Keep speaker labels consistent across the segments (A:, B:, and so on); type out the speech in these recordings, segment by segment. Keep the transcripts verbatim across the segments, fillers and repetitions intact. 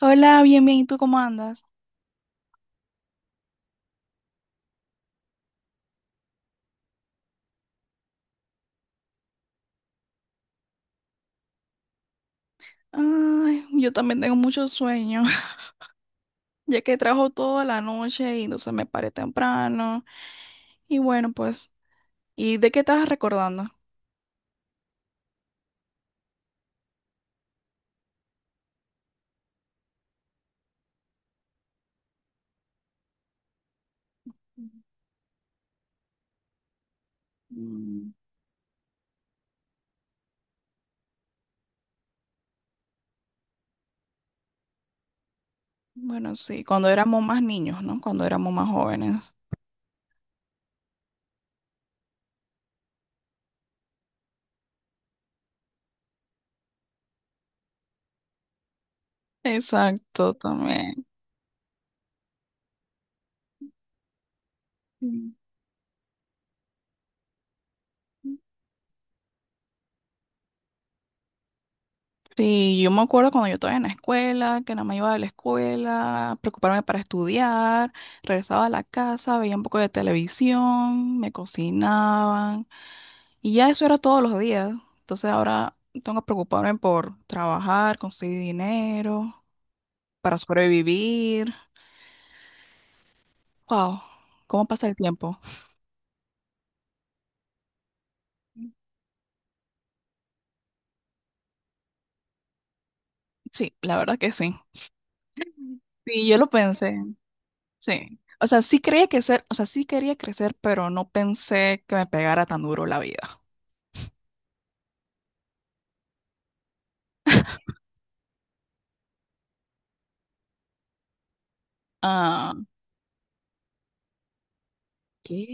A: Hola, bien, bien, ¿y tú cómo andas? Ay, yo también tengo mucho sueño, ya que trabajo toda la noche y entonces me paré temprano. Y bueno, pues, ¿y de qué estás recordando? Bueno, sí, cuando éramos más niños, ¿no? Cuando éramos más jóvenes. Exacto, también. Mm. Sí, yo me acuerdo cuando yo estaba en la escuela, que nada más iba de la escuela, preocuparme para estudiar, regresaba a la casa, veía un poco de televisión, me cocinaban. Y ya eso era todos los días. Entonces ahora tengo que preocuparme por trabajar, conseguir dinero, para sobrevivir. Wow, ¿cómo pasa el tiempo? Sí, la verdad que sí. Sí, yo lo pensé, sí. O sea, sí quería crecer, o sea, sí quería crecer, pero no pensé que me pegara tan duro la vida. Ah, ¿qué?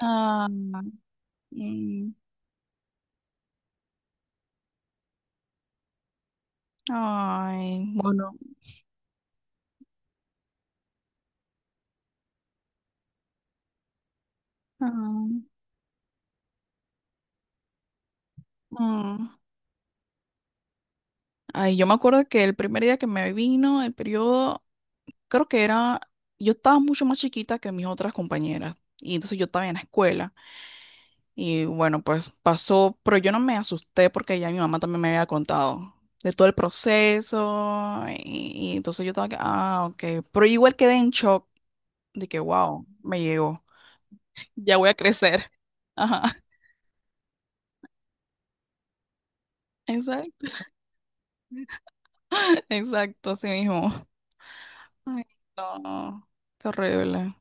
A: Ah, mm, ay, bueno. Ah, mm. Ay, yo me acuerdo que el primer día que me vino el periodo, creo que era, yo estaba mucho más chiquita que mis otras compañeras. Y entonces yo estaba en la escuela. Y bueno, pues pasó, pero yo no me asusté porque ya mi mamá también me había contado de todo el proceso. Y, y entonces yo estaba que, ah, ok. Pero igual quedé en shock de que, wow, me llegó. Ya voy a crecer. Ajá, exacto, exacto, así mismo. Ay, no, qué horrible.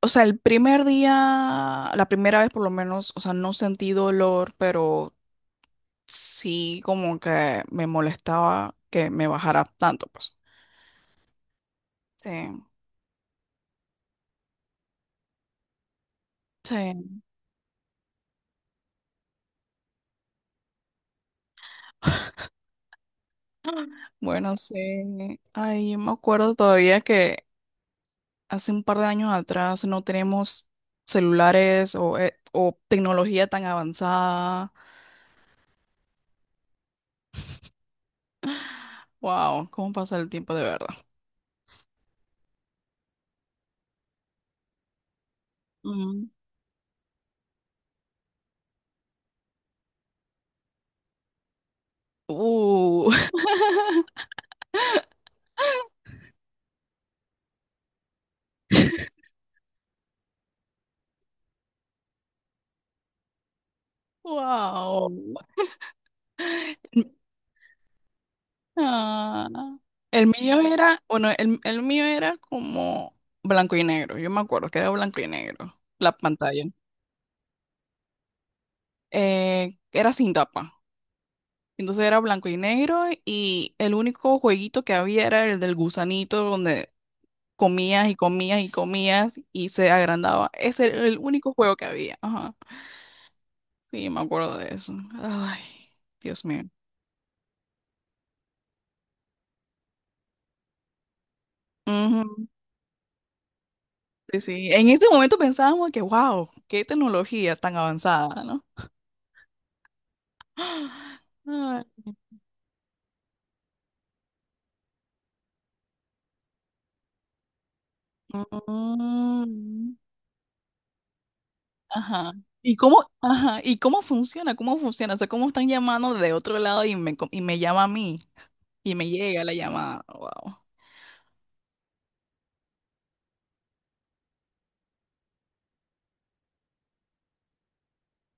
A: O sea, el primer día, la primera vez por lo menos, o sea, no sentí dolor, pero sí como que me molestaba que me bajara tanto, pues. Sí, sí. Bueno, sí. Ay, yo me acuerdo todavía que hace un par de años atrás no tenemos celulares o, eh, o tecnología tan avanzada. Wow, cómo pasa el tiempo de verdad. Mm. Uh, wow. Ah, el mío era, bueno, el, el mío era como blanco y negro. Yo me acuerdo que era blanco y negro, la pantalla. Eh, era sin tapa. Entonces era blanco y negro y el único jueguito que había era el del gusanito donde comías y comías y comías y se agrandaba. Ese era el único juego que había. Ajá. Sí, me acuerdo de eso. Ay, Dios mío. Ujú, sí, sí. En ese momento pensábamos que, wow, qué tecnología tan avanzada, ¿no? Ay. Mm, ajá. ¿Y cómo, ajá, ¿y cómo funciona? ¿Cómo funciona? O sea, ¿cómo están llamando de otro lado y me, co- y me llama a mí? Y me llega la llamada. Wow.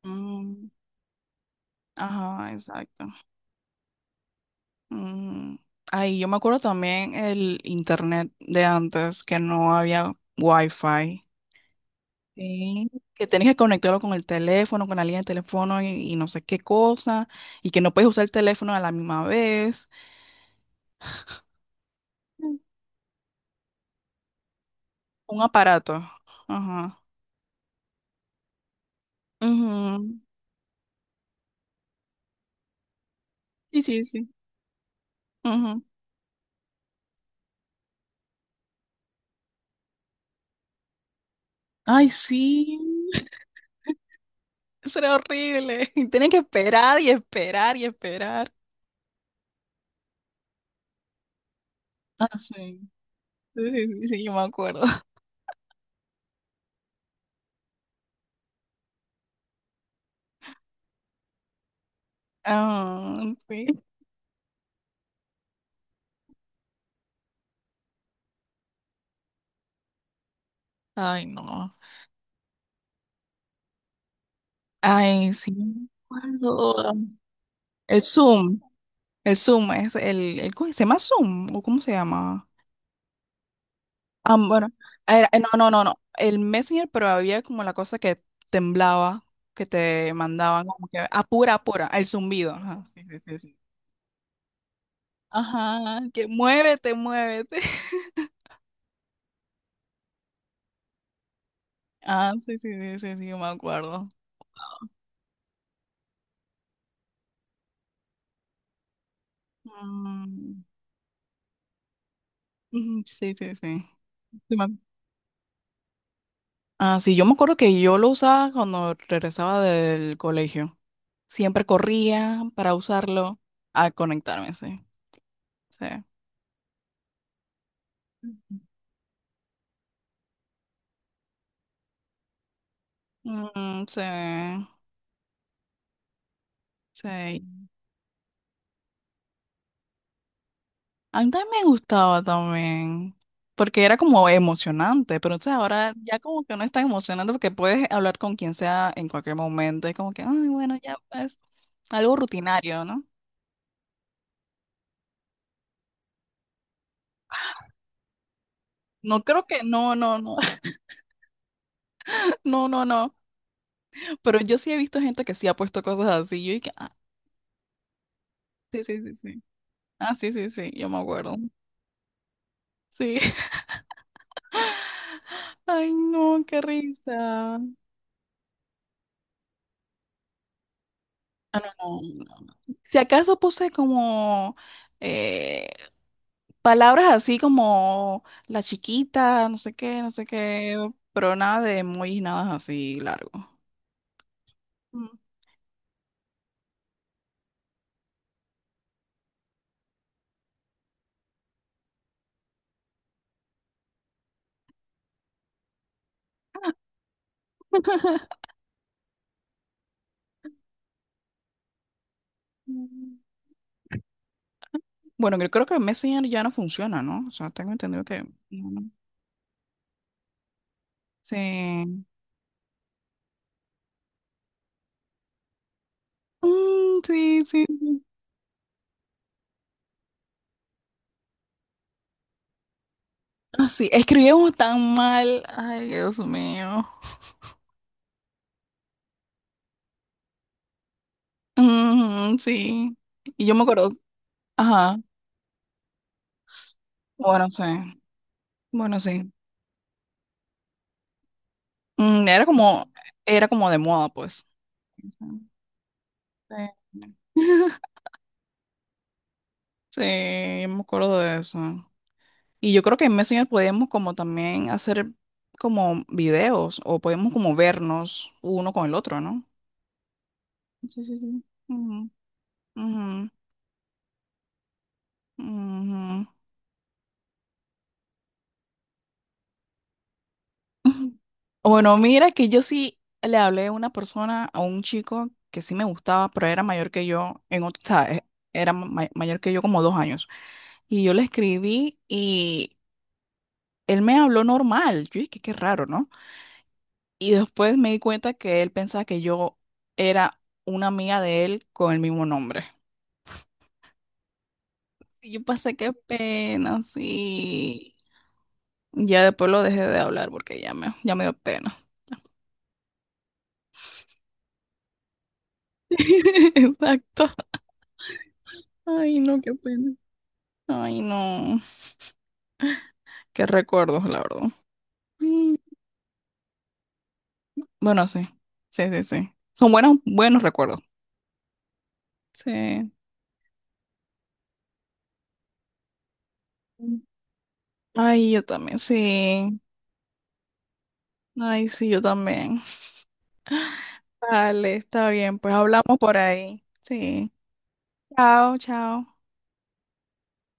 A: Mm, ajá, exacto. Mm. Ay, yo me acuerdo también el internet de antes, que no había wifi. Sí. Que tenías que conectarlo con el teléfono, con la línea de teléfono y, y no sé qué cosa. Y que no puedes usar el teléfono a la misma vez. Mm. Un aparato. Ajá. Ujú. Sí, sí, sí. Ujú. Ay, sí. Eso era horrible. Y tenía que esperar y esperar y esperar. Ah, sí. Sí, sí, sí, sí, yo me acuerdo. Ah, sí. Ay, no. Ay, sí, me acuerdo. El Zoom. El Zoom es el, el, ¿cómo se llama Zoom? ¿O cómo se llama? Ah, bueno. Era- eh, no, no, no, no. El Messenger, pero había como la cosa que temblaba, que te mandaban como que apura, apura, el zumbido. Ajá, sí, sí, sí, sí. Ajá, que muévete, muévete. Ah, sí, sí, sí, sí, sí, yo me acuerdo. Mm, ujú, sí, sí, sí. Sí, me- ah, sí, yo me acuerdo que yo lo usaba cuando regresaba del colegio. Siempre corría para usarlo a conectarme, sí. Sí. Mm, sí, sí. A mí también me gustaba también, porque era como emocionante, pero entonces ahora ya como que no es tan emocionante porque puedes hablar con quien sea en cualquier momento, es como que, ay, bueno, ya pues. Algo rutinario, ¿no? No creo que, no, no, no, no, no, no. Pero yo sí he visto gente que sí ha puesto cosas así. Yo dije, ah, sí, sí, sí, sí. Ah, sí, sí, sí, yo me acuerdo. Sí. Ay, no, qué risa. No, no, no. Si acaso puse como eh, palabras así como la chiquita, no sé qué, no sé qué, pero nada de emojis, nada así largo. Mm. Bueno, yo creo que Messenger ya no funciona, ¿no? O sea, tengo entendido que... no. No. Sí. Mm, sí, sí, sí. Ah, sí, escribimos tan mal. Ay, Dios mío. Mm, sí. Y yo me acuerdo, ajá, bueno, sí, bueno, sí. Mm, era como, era como de moda, pues. Sí. Sí, yo me acuerdo de eso. Y yo creo que en Messenger podíamos como también hacer como videos o podíamos como vernos uno con el otro, ¿no? Sí, sí, sí. Ujú, ujú, ujú. Bueno, mira que yo sí le hablé a una persona, a un chico que sí me gustaba, pero era mayor que yo, en ot- o sea, eh, era ma- mayor que yo como dos años. Y yo le escribí y él me habló normal. Yo dije, qué raro, ¿no? Y después me di cuenta que él pensaba que yo era una amiga de él con el mismo nombre. Y yo pasé qué pena, sí. Ya después lo dejé de hablar porque ya me, ya me dio pena. Exacto. Ay, no, qué pena. Ay, no. Qué recuerdos, la verdad. Mm, bueno, sí. Sí, sí, sí. Son buenos, buenos recuerdos. Sí. Ay, yo también, sí. Ay, sí, yo también. Vale, está bien. Pues hablamos por ahí. Sí. Chao, chao.